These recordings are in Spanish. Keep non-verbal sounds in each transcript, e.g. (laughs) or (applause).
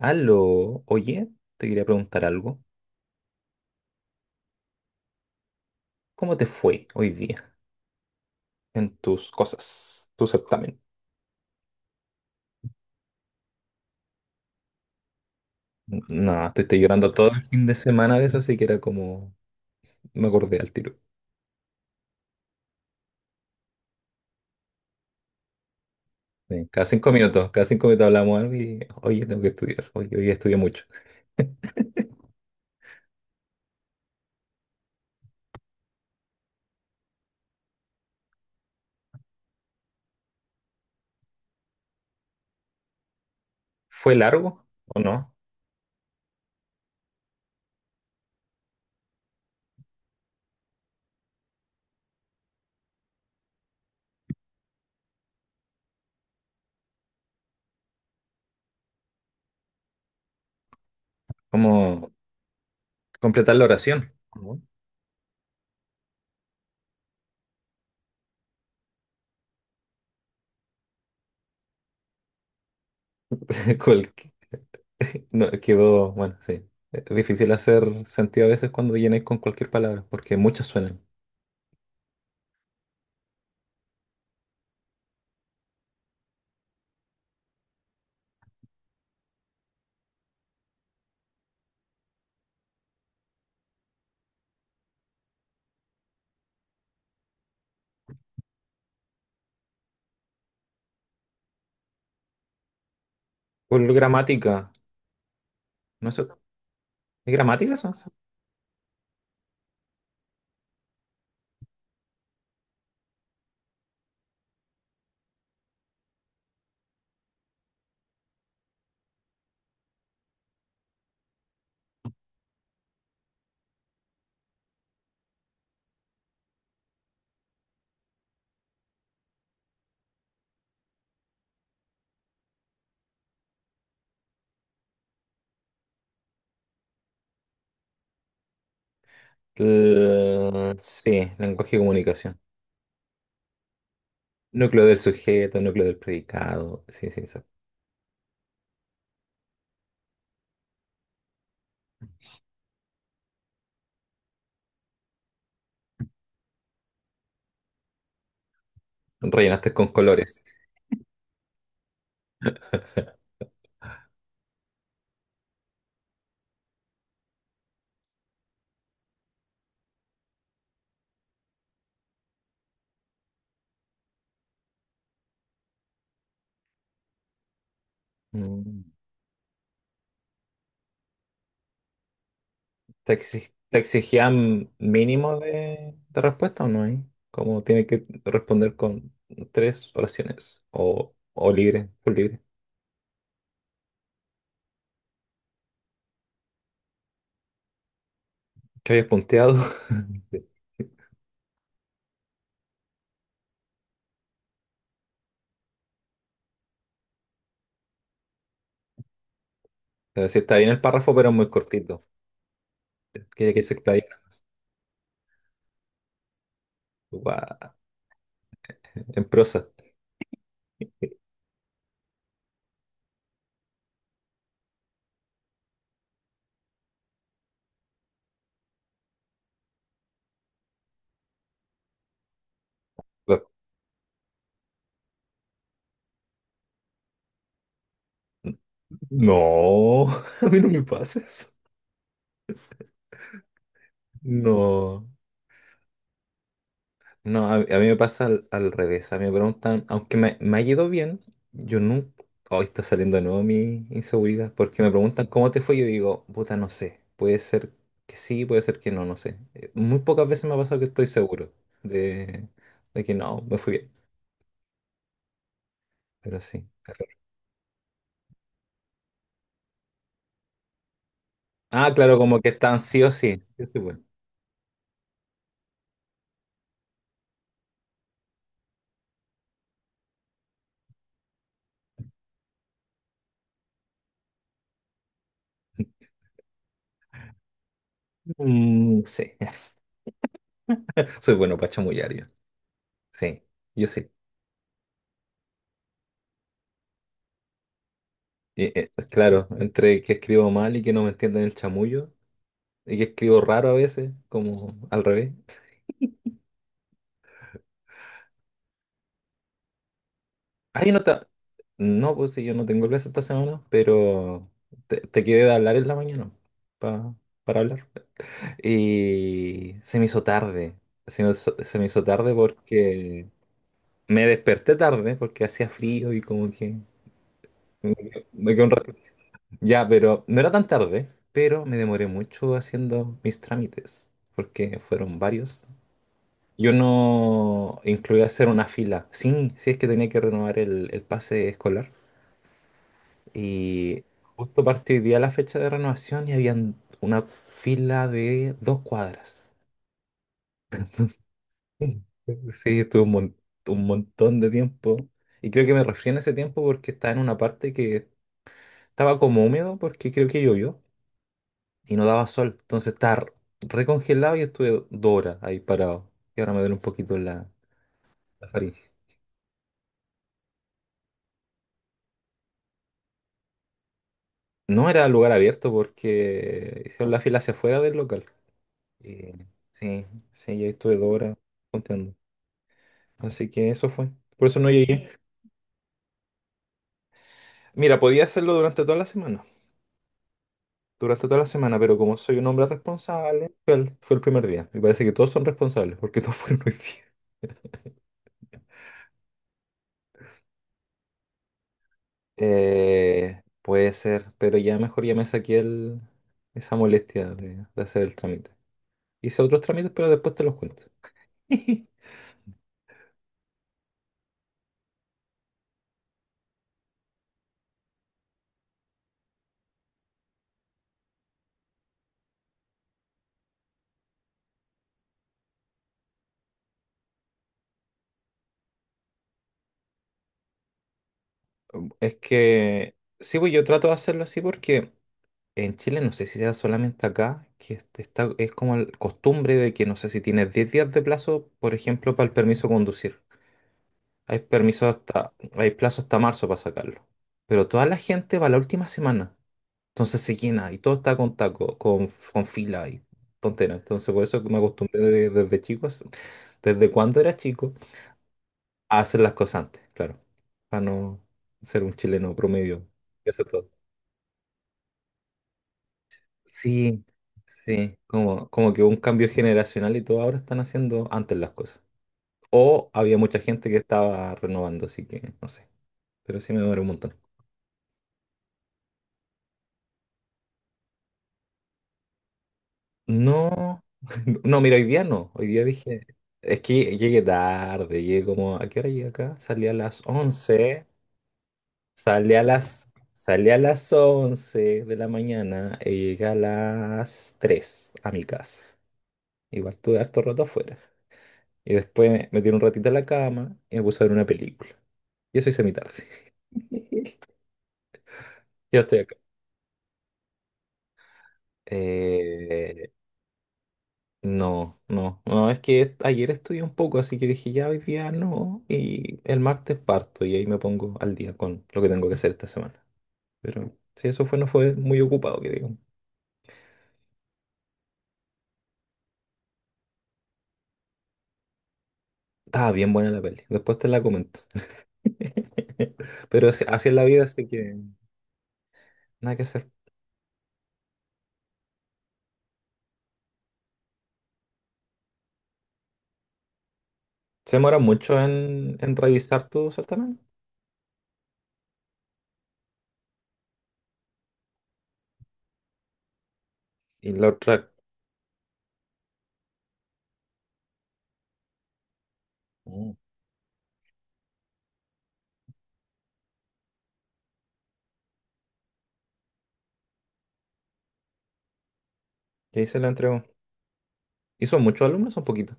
Aló, oye, te quería preguntar algo. ¿Cómo te fue hoy día en tus cosas, tu certamen? No, estoy llorando todo el fin de semana de eso, así que era como, me acordé al tiro. Sí, cada 5 minutos, cada cinco minutos, hablamos algo y, oye, tengo que estudiar, oye, hoy día estudié mucho. ¿Fue largo o no? ¿Cómo completar la oración? ¿No? (laughs) Cualque- no, quedó, bueno, sí. Es difícil hacer sentido a veces cuando llenáis con cualquier palabra, porque muchas suenan. Por gramática, no sé. ¿Es gramática eso? Sí, lenguaje de comunicación. Núcleo del sujeto, núcleo del predicado. Sí, sí, sí. Rellenaste con colores. Mm. ¿Te exigían mínimo de respuesta o no hay. Como tiene que responder con 3 oraciones o libre, por libre. ¿Qué habías punteado? (laughs) Sí. Pero sí, está bien el párrafo, pero muy cortito. Quería que se explayara más. Guau, en prosa. No, (laughs) a mí no me pases. No. No, a mí me pasa al revés. A mí me preguntan, aunque me ha ido bien, yo nunca. Hoy está saliendo de nuevo mi inseguridad, porque me preguntan cómo te fue. Yo digo, puta, no sé. Puede ser que sí, puede ser que no, no sé. Muy pocas veces me ha pasado que estoy seguro de, de que no, me fui bien. Pero sí. Es raro. Ah, claro, como que están sí o sí. Sí soy bueno. (laughs) Mm, sí, yes. Soy bueno para chamullar yo. Sí, yo sí. Claro, entre que escribo mal y que no me entienden el chamullo. Y que escribo raro a veces, como al revés. Ay, no está. No, pues sí, yo no tengo clase esta semana, pero te quedé de hablar en la mañana pa- para hablar. Y se me hizo tarde. Se me hizo tarde porque me desperté tarde porque hacía frío y como que me quedé un rato. Ya, pero no era tan tarde, pero me demoré mucho haciendo mis trámites porque fueron varios. Yo no incluía hacer una fila. Sí, sí es que tenía que renovar el pase escolar. Y justo partió hoy día la fecha de renovación y habían una fila de 2 cuadras. Sí, sí, estuve un montón de tiempo. Y creo que me refiero a ese tiempo porque estaba en una parte que estaba como húmedo porque creo que llovió y no daba sol. Entonces estaba recongelado y estuve 2 horas ahí parado. Y ahora me duele un poquito la faringe. No era lugar abierto porque hicieron la fila hacia afuera del local. Y sí, sí, yo estuve 2 horas contando. Así que eso fue. Por eso no llegué. Mira, podía hacerlo durante toda la semana. Durante toda la semana, pero como soy un hombre responsable, fue el primer día. Me parece que todos son responsables porque todos (laughs) fueron hoy día. Puede ser, pero ya mejor ya me saqué esa molestia de hacer el trámite. Hice otros trámites, pero después te los cuento. (laughs) Es que sí, pues yo trato de hacerlo así porque en Chile no sé si será solamente acá, que está, es como costumbre de que no sé si tienes 10 días de plazo, por ejemplo, para el permiso de conducir. Hay plazo hasta marzo para sacarlo. Pero toda la gente va la última semana. Entonces se llena y todo está con taco, con fila y tontera. Entonces por eso que me acostumbré desde cuando era chico, a hacer las cosas antes, claro. Para no ser un chileno promedio. Sí, sí, como que hubo un cambio generacional y todo ahora están haciendo antes las cosas. O había mucha gente que estaba renovando, así que no sé. Pero sí me duele un montón. No, (laughs) no, mira, hoy día no. Hoy día dije, es que llegué tarde, llegué como, ¿a qué hora llegué acá? Salí a las once de la mañana y llegué a las 3 a mi casa. Igual estuve harto rato afuera. Y después me metí un ratito a la cama y me puse a ver una película. Yo soy semitarde. (laughs) Yo estoy acá. Eh, no, no, no, es que ayer estudié un poco, así que dije ya hoy día no, y el martes parto y ahí me pongo al día con lo que tengo que hacer esta semana. Pero si eso fue, no fue muy ocupado, que digo. Estaba bien buena la peli, después te la comento. (laughs) Pero así así es la vida, así que nada que hacer. Se demora mucho en revisar tu certamen. Y la otra, mm. ¿Qué hice la entregó? ¿Hizo muchos alumnos o poquitos?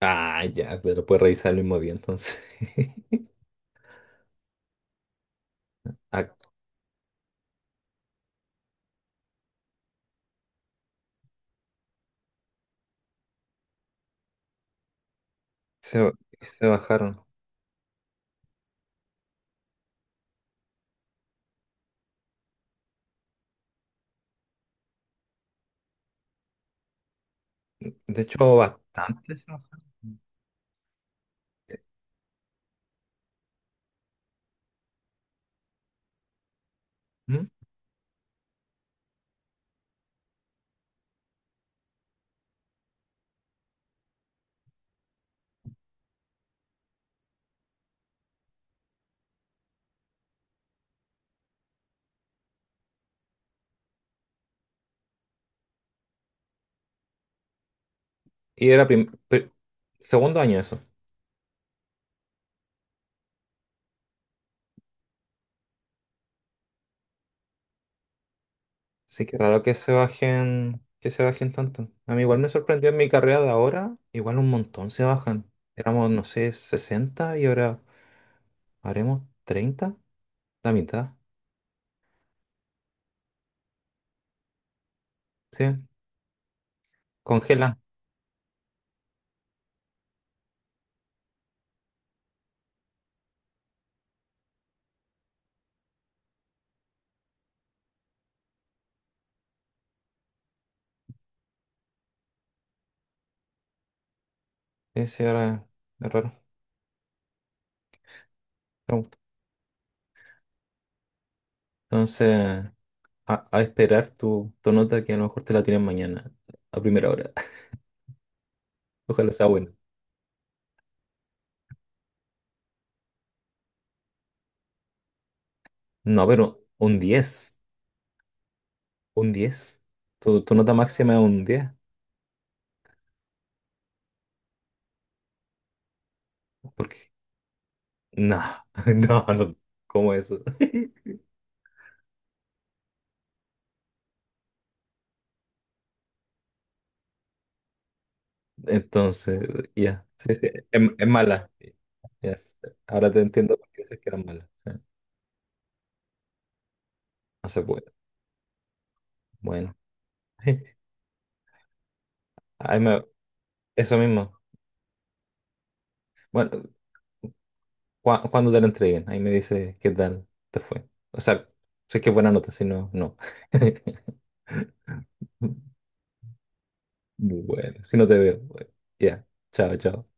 Ah, ya, pero puedes revisar el mismo día entonces. (laughs) Ah, se, se bajaron. De hecho, bastante se bajaron. ¿Mm? Y era segundo año eso. Así que raro que se bajen tanto. A mí igual me sorprendió en mi carrera de ahora, igual un montón se bajan. Éramos, no sé, 60 y ahora haremos 30, la mitad. Sí, congelan. Sí, sí, ahora es raro. Pero bueno. Entonces. A esperar tu nota que a lo mejor te la tienen mañana, a primera hora. (laughs) Ojalá sea buena. No, pero un diez. Tu nota máxima es un 10. Porque, no, (laughs) no, no, ¿cómo eso? (laughs) Entonces, ya, sí, sí, es mala. Yes. Ahora te entiendo por qué dices que era mala. No se puede. Bueno, (laughs) ahí me- eso mismo. Bueno, cuando te la entreguen, ahí me dice qué tal te fue. O sea, sé que es buena nota, si no, no. (laughs) Bueno, si no te veo, bueno, ya. Chao, chao.